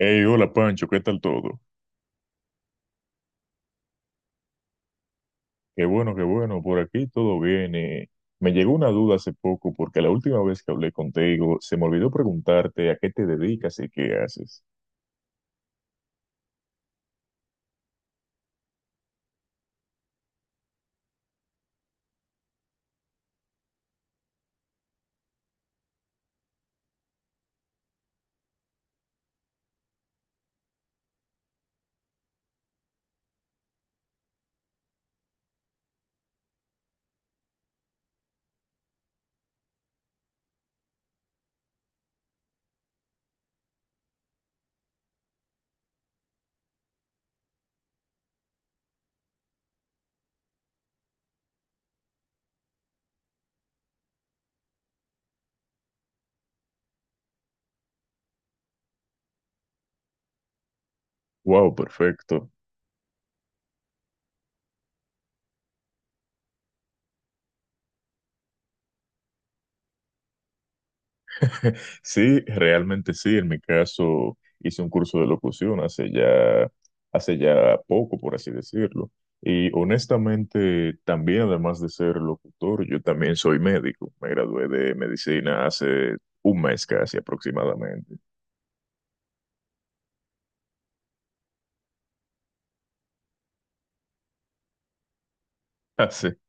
Hey, hola Pancho, ¿qué tal todo? Qué bueno, por aquí todo bien. Me llegó una duda hace poco porque la última vez que hablé contigo se me olvidó preguntarte a qué te dedicas y qué haces. Wow, perfecto. Sí, realmente sí, en mi caso hice un curso de locución hace ya poco, por así decirlo. Y honestamente, también además de ser locutor, yo también soy médico. Me gradué de medicina hace un mes casi aproximadamente.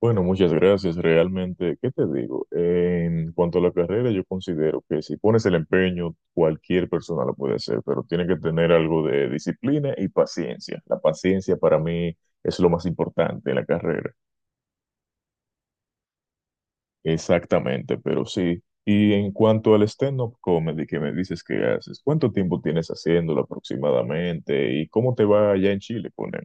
Bueno, muchas gracias. Realmente, ¿qué te digo? En cuanto a la carrera, yo considero que si pones el empeño, cualquier persona lo puede hacer, pero tiene que tener algo de disciplina y paciencia. La paciencia para mí es lo más importante en la carrera. Exactamente, pero sí. Y en cuanto al stand-up comedy que me dices que haces, ¿cuánto tiempo tienes haciéndolo aproximadamente y cómo te va allá en Chile con él?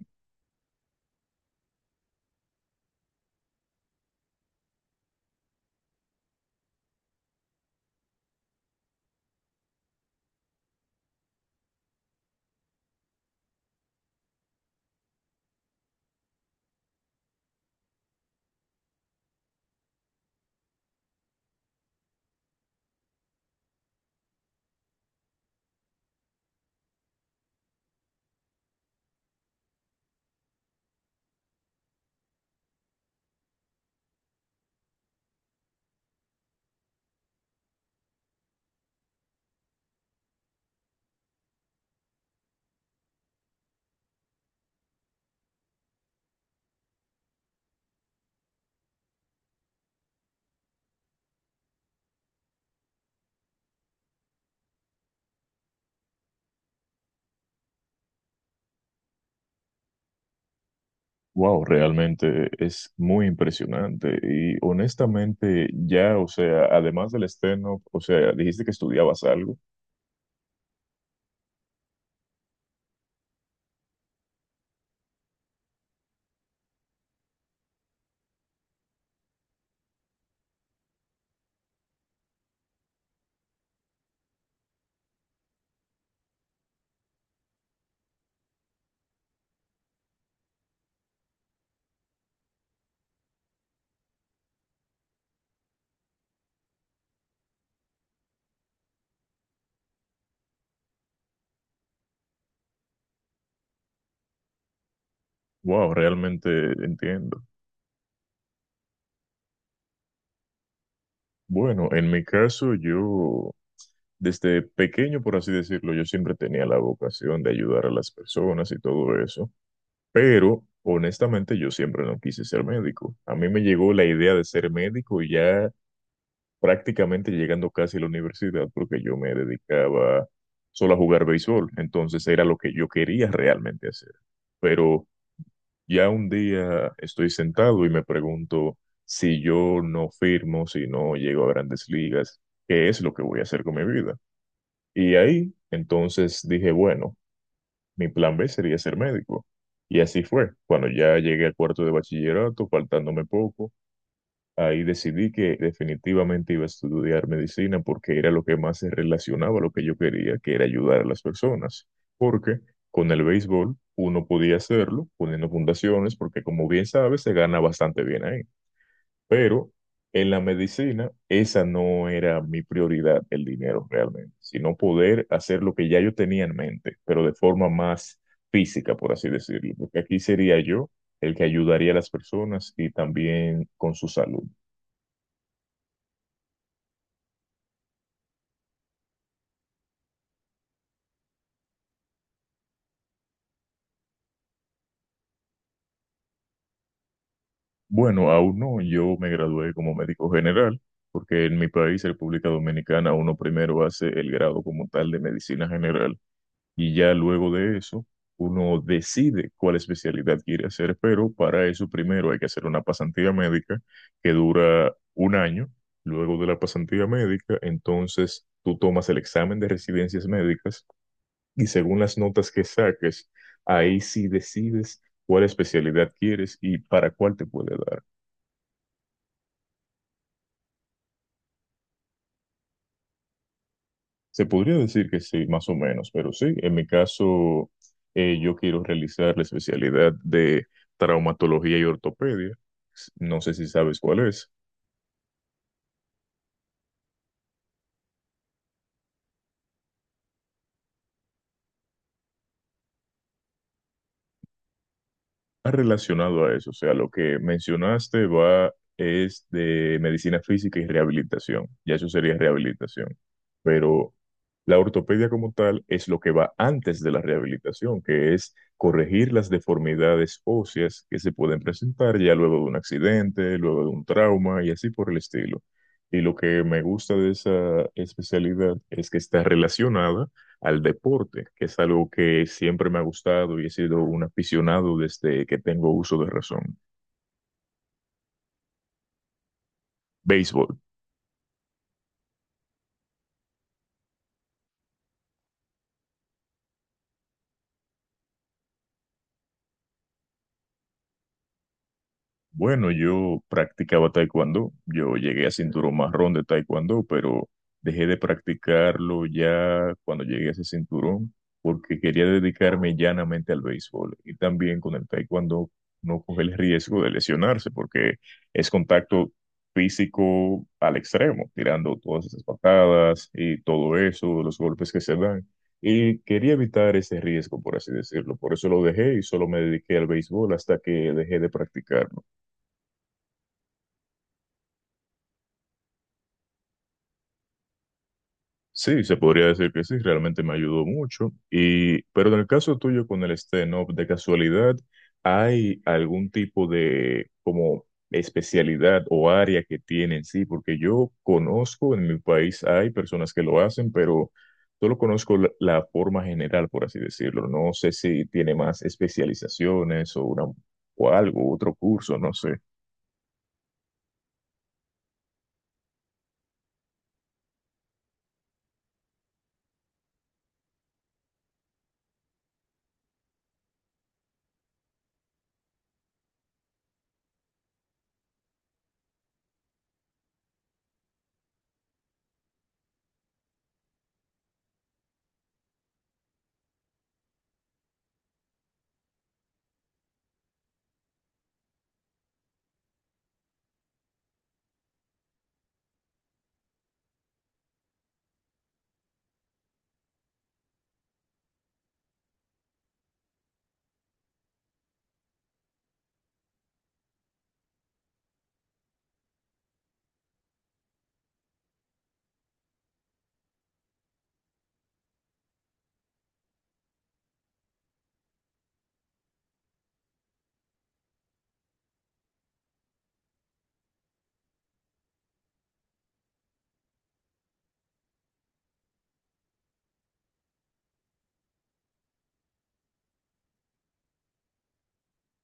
Wow, realmente es muy impresionante y honestamente ya, o sea, además del estreno, o sea, dijiste que estudiabas algo. Wow, realmente entiendo. Bueno, en mi caso yo desde pequeño, por así decirlo, yo siempre tenía la vocación de ayudar a las personas y todo eso, pero honestamente yo siempre no quise ser médico. A mí me llegó la idea de ser médico ya prácticamente llegando casi a la universidad porque yo me dedicaba solo a jugar béisbol, entonces era lo que yo quería realmente hacer. Pero ya un día estoy sentado y me pregunto si yo no firmo, si no llego a grandes ligas, ¿qué es lo que voy a hacer con mi vida? Y ahí entonces dije, bueno, mi plan B sería ser médico. Y así fue. Cuando ya llegué al cuarto de bachillerato, faltándome poco, ahí decidí que definitivamente iba a estudiar medicina porque era lo que más se relacionaba a lo que yo quería, que era ayudar a las personas. Porque con el béisbol uno podía hacerlo poniendo fundaciones, porque como bien sabes, se gana bastante bien ahí. Pero en la medicina, esa no era mi prioridad, el dinero realmente, sino poder hacer lo que ya yo tenía en mente, pero de forma más física, por así decirlo. Porque aquí sería yo el que ayudaría a las personas y también con su salud. Bueno, aún no, yo me gradué como médico general, porque en mi país, República Dominicana, uno primero hace el grado como tal de medicina general y ya luego de eso uno decide cuál especialidad quiere hacer, pero para eso primero hay que hacer una pasantía médica que dura un año. Luego de la pasantía médica, entonces tú tomas el examen de residencias médicas y según las notas que saques, ahí sí decides cuál especialidad quieres y para cuál te puede dar. Se podría decir que sí, más o menos, pero sí, en mi caso, yo quiero realizar la especialidad de traumatología y ortopedia. No sé si sabes cuál es. Relacionado a eso, o sea, lo que mencionaste va es de medicina física y rehabilitación, ya eso sería rehabilitación, pero la ortopedia como tal es lo que va antes de la rehabilitación, que es corregir las deformidades óseas que se pueden presentar ya luego de un accidente, luego de un trauma y así por el estilo. Y lo que me gusta de esa especialidad es que está relacionada al deporte, que es algo que siempre me ha gustado y he sido un aficionado desde que tengo uso de razón. Béisbol. Bueno, yo practicaba taekwondo, yo llegué a cinturón marrón de taekwondo, pero dejé de practicarlo ya cuando llegué a ese cinturón porque quería dedicarme llanamente al béisbol y también con el taekwondo no coge el riesgo de lesionarse porque es contacto físico al extremo, tirando todas esas patadas y todo eso, los golpes que se dan. Y quería evitar ese riesgo, por así decirlo. Por eso lo dejé y solo me dediqué al béisbol hasta que dejé de practicarlo. Sí, se podría decir que sí, realmente me ayudó mucho. Y, pero en el caso tuyo con el stand-up, de casualidad, ¿hay algún tipo de como especialidad o área que tienen? Sí, porque yo conozco, en mi país hay personas que lo hacen, pero solo conozco la forma general, por así decirlo. No sé si tiene más especializaciones o una o algo, otro curso, no sé.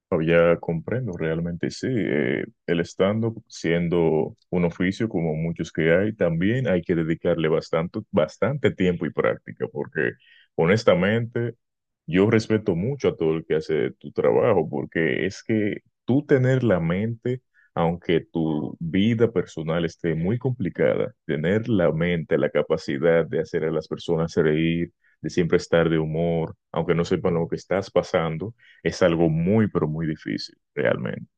Oh, ya comprendo, realmente sí. El stand-up, siendo un oficio como muchos que hay, también hay que dedicarle bastante, bastante tiempo y práctica, porque honestamente yo respeto mucho a todo el que hace tu trabajo, porque es que tú tener la mente, aunque tu vida personal esté muy complicada, tener la mente, la capacidad de hacer a las personas reír, de siempre estar de humor, aunque no sepan lo que estás pasando es algo muy, pero muy difícil, realmente.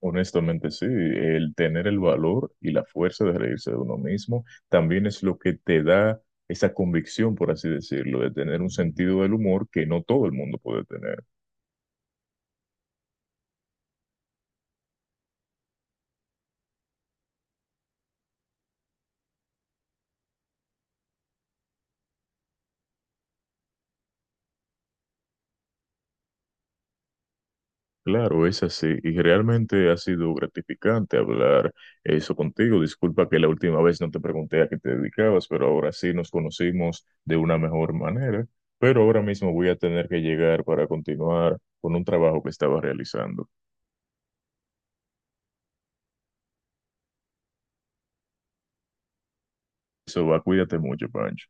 Honestamente, sí, el tener el valor y la fuerza de reírse de uno mismo también es lo que te da esa convicción, por así decirlo, de tener un sentido del humor que no todo el mundo puede tener. Claro, es así, y realmente ha sido gratificante hablar eso contigo. Disculpa que la última vez no te pregunté a qué te dedicabas, pero ahora sí nos conocimos de una mejor manera. Pero ahora mismo voy a tener que llegar para continuar con un trabajo que estaba realizando. Eso va, cuídate mucho, Pancho.